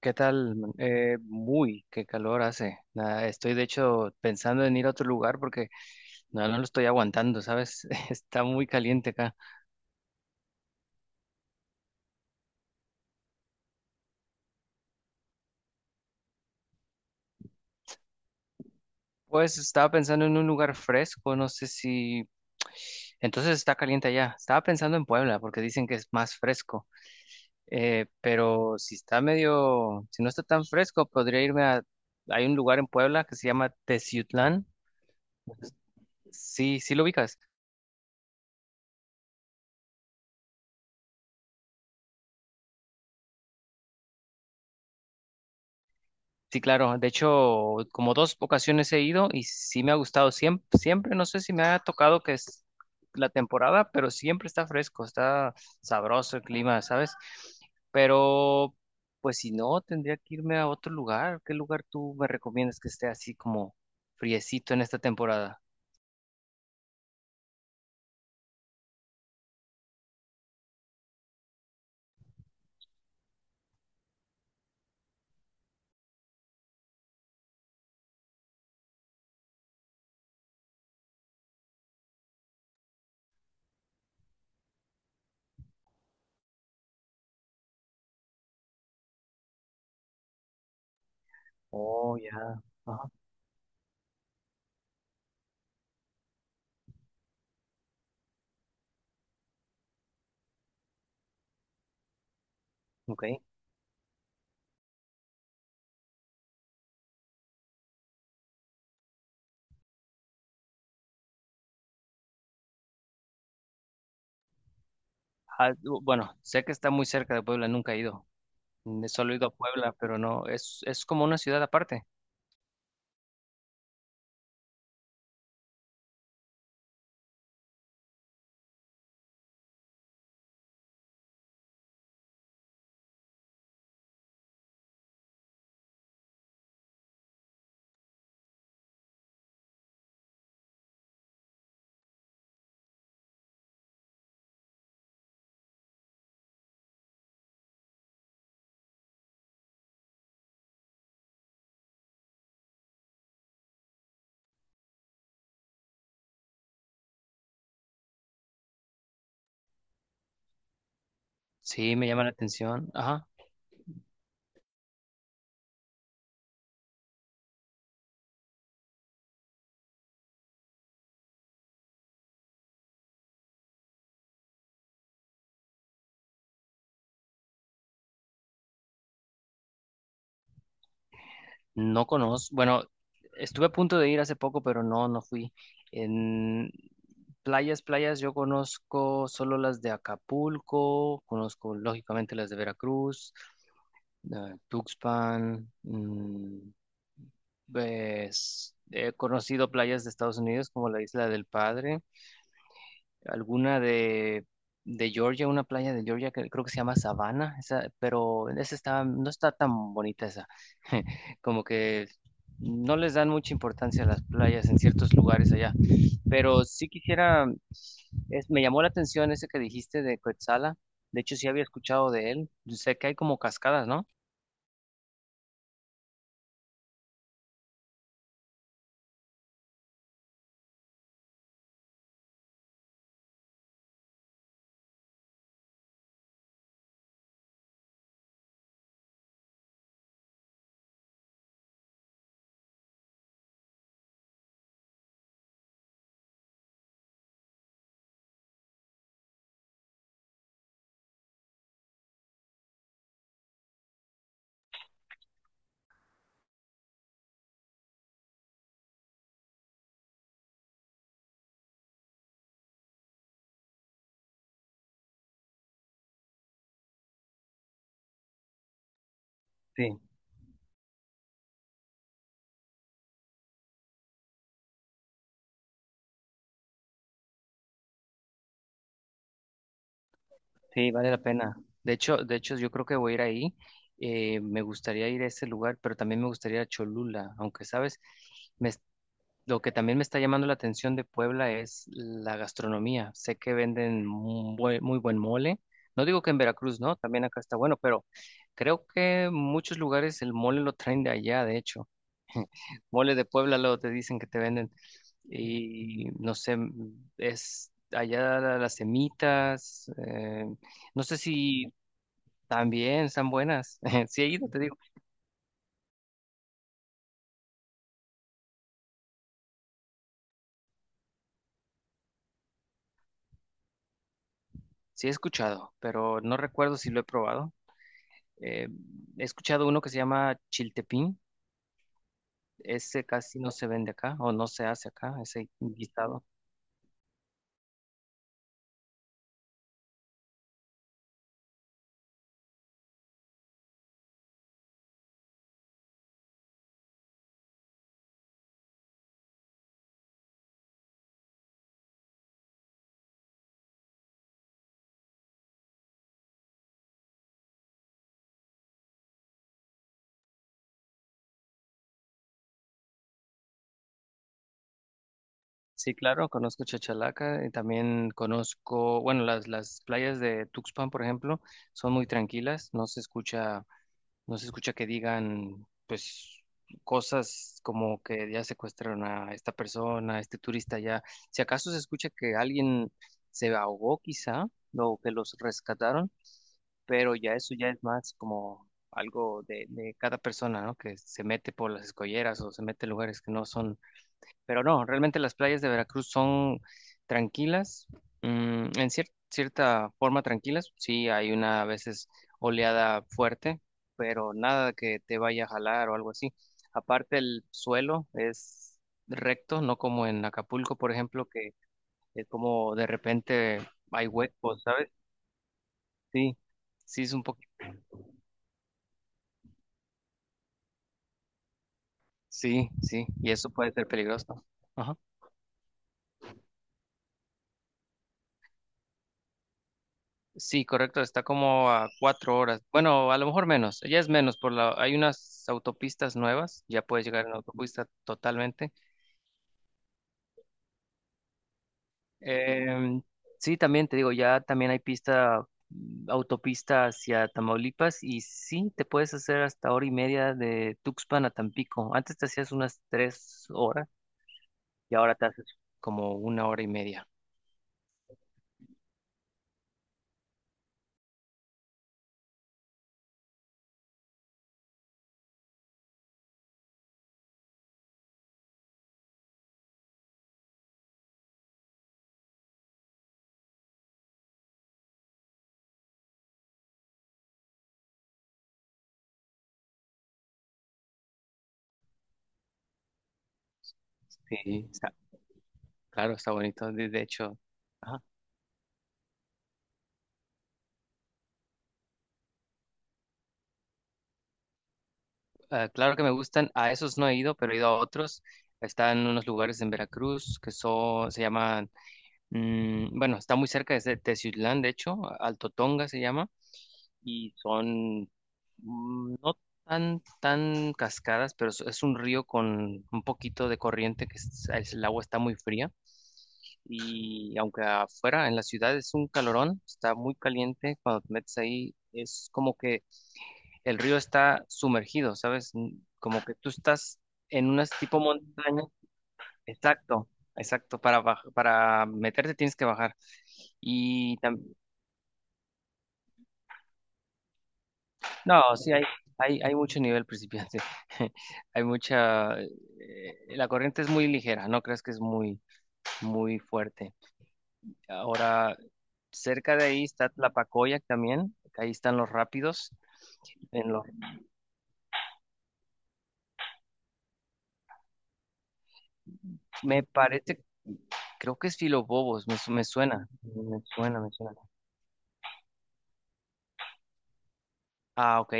¿Qué tal, man? Qué calor hace. Nada, estoy de hecho pensando en ir a otro lugar porque no, no lo estoy aguantando, ¿sabes? Está muy caliente acá. Pues estaba pensando en un lugar fresco, no sé si... Entonces está caliente allá. Estaba pensando en Puebla porque dicen que es más fresco. Pero si no está tan fresco, podría irme a... Hay un lugar en Puebla que se llama Teciutlán. Sí, sí lo ubicas. Sí, claro. De hecho, como dos ocasiones he ido y sí me ha gustado siempre, siempre. No sé si me ha tocado que es la temporada, pero siempre está fresco, está sabroso el clima, ¿sabes? Pero, pues si no, tendría que irme a otro lugar. ¿Qué lugar tú me recomiendas que esté así como friecito en esta temporada? Oh, ya. Ajá, ok. Bueno, sé que está muy cerca de Puebla, nunca he ido. Solo he ido a Puebla, pero no, es como una ciudad aparte. Sí, me llama la atención. Ajá. No conozco, bueno, estuve a punto de ir hace poco, pero no, no fui. En playas, playas, yo conozco solo las de Acapulco, conozco lógicamente las de Veracruz, Tuxpan, pues, he conocido playas de Estados Unidos como la Isla del Padre, alguna de Georgia, una playa de Georgia que creo que se llama Savannah, esa, pero esa está, no está tan bonita esa. Como que no les dan mucha importancia a las playas en ciertos lugares allá. Pero sí quisiera, me llamó la atención ese que dijiste de Coetzala. De hecho, sí había escuchado de él. Yo sé que hay como cascadas, ¿no? Sí, sí, vale la pena. De hecho, yo creo que voy a ir ahí. Me gustaría ir a ese lugar, pero también me gustaría ir a Cholula, aunque, ¿sabes? Me Lo que también me está llamando la atención de Puebla es la gastronomía. Sé que venden muy buen mole. No digo que en Veracruz, ¿no? También acá está bueno, pero creo que muchos lugares el mole lo traen de allá, de hecho. Mole de Puebla luego te dicen que te venden. Y no sé, es allá las semitas. No sé si también están buenas. Sí he ido, te digo. Sí he escuchado, pero no recuerdo si lo he probado. Eh, He escuchado uno que se llama chiltepín. Ese casi no se vende acá o no se hace acá, ese guisado. Sí, claro, conozco Chachalaca y también conozco, bueno, las playas de Tuxpan, por ejemplo, son muy tranquilas, no se escucha, no se escucha que digan, pues, cosas como que ya secuestraron a esta persona, a este turista ya. Si acaso se escucha que alguien se ahogó quizá, o que los rescataron, pero ya eso ya es más como algo de cada persona, ¿no? Que se mete por las escolleras o se mete en lugares que no son, pero no, realmente las playas de Veracruz son tranquilas, en cierta forma tranquilas, sí hay una a veces oleada fuerte, pero nada que te vaya a jalar o algo así. Aparte el suelo es recto, no como en Acapulco, por ejemplo, que es como de repente hay huecos, ¿sabes? Sí, sí es un. Sí, sí, y eso puede ser peligroso. Ajá. Sí, correcto, está como a 4 horas. Bueno, a lo mejor menos, ya es menos, por la, hay unas autopistas nuevas, ya puedes llegar en autopista totalmente. Em, sí, también te digo, ya también hay pista, autopista hacia Tamaulipas y sí, te puedes hacer hasta hora y media de Tuxpan a Tampico. Antes te hacías unas 3 horas y ahora te haces como 1 hora y media. Sí, claro, está bonito, de hecho. Ah, claro que me gustan, a esos no he ido, pero he ido a otros. Están unos lugares en Veracruz que son, se llaman, bueno, está muy cerca de Teciutlán, de hecho, Alto Tonga se llama, y son no tan, tan cascadas, pero es un río con un poquito de corriente, que el agua está muy fría, y aunque afuera en la ciudad es un calorón, está muy caliente, cuando te metes ahí es como que el río está sumergido, ¿sabes? Como que tú estás en un tipo montaña. Exacto, exacto. Para, para meterte tienes que bajar. Y tam- no, sí, hay, hay mucho nivel principiante. Hay mucha... La corriente es muy ligera, no creas que es muy, muy fuerte. Ahora, cerca de ahí está Tlapacoyac también, ahí están los rápidos. En los, me parece, creo que es Filobobos, me, me suena, me suena, me suena. Ah, ok.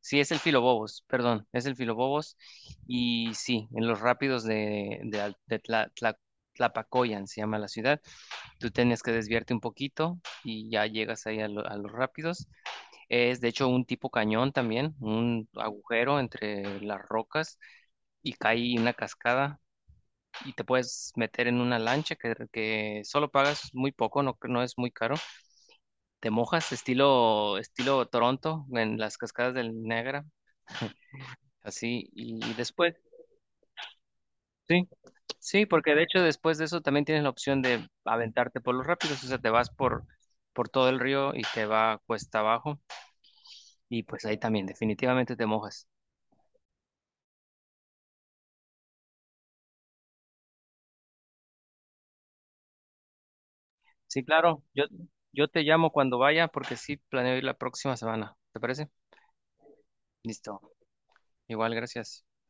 Sí, es el Filobobos, perdón, es el Filobobos. Y sí, en los rápidos de Tlapacoyan se llama la ciudad. Tú tienes que desviarte un poquito y ya llegas ahí a, a los rápidos. Es de hecho un tipo cañón también, un agujero entre las rocas y cae una cascada y te puedes meter en una lancha que solo pagas muy poco, no, no es muy caro. Te mojas estilo Toronto en las cascadas del Niágara así, y después, sí, sí, porque de hecho después de eso también tienes la opción de aventarte por los rápidos, o sea, te vas por todo el río y te va cuesta abajo, y pues ahí también definitivamente te mojas. Sí, claro, yo te llamo cuando vaya porque sí planeo ir la próxima semana, ¿te parece? Listo, igual, gracias.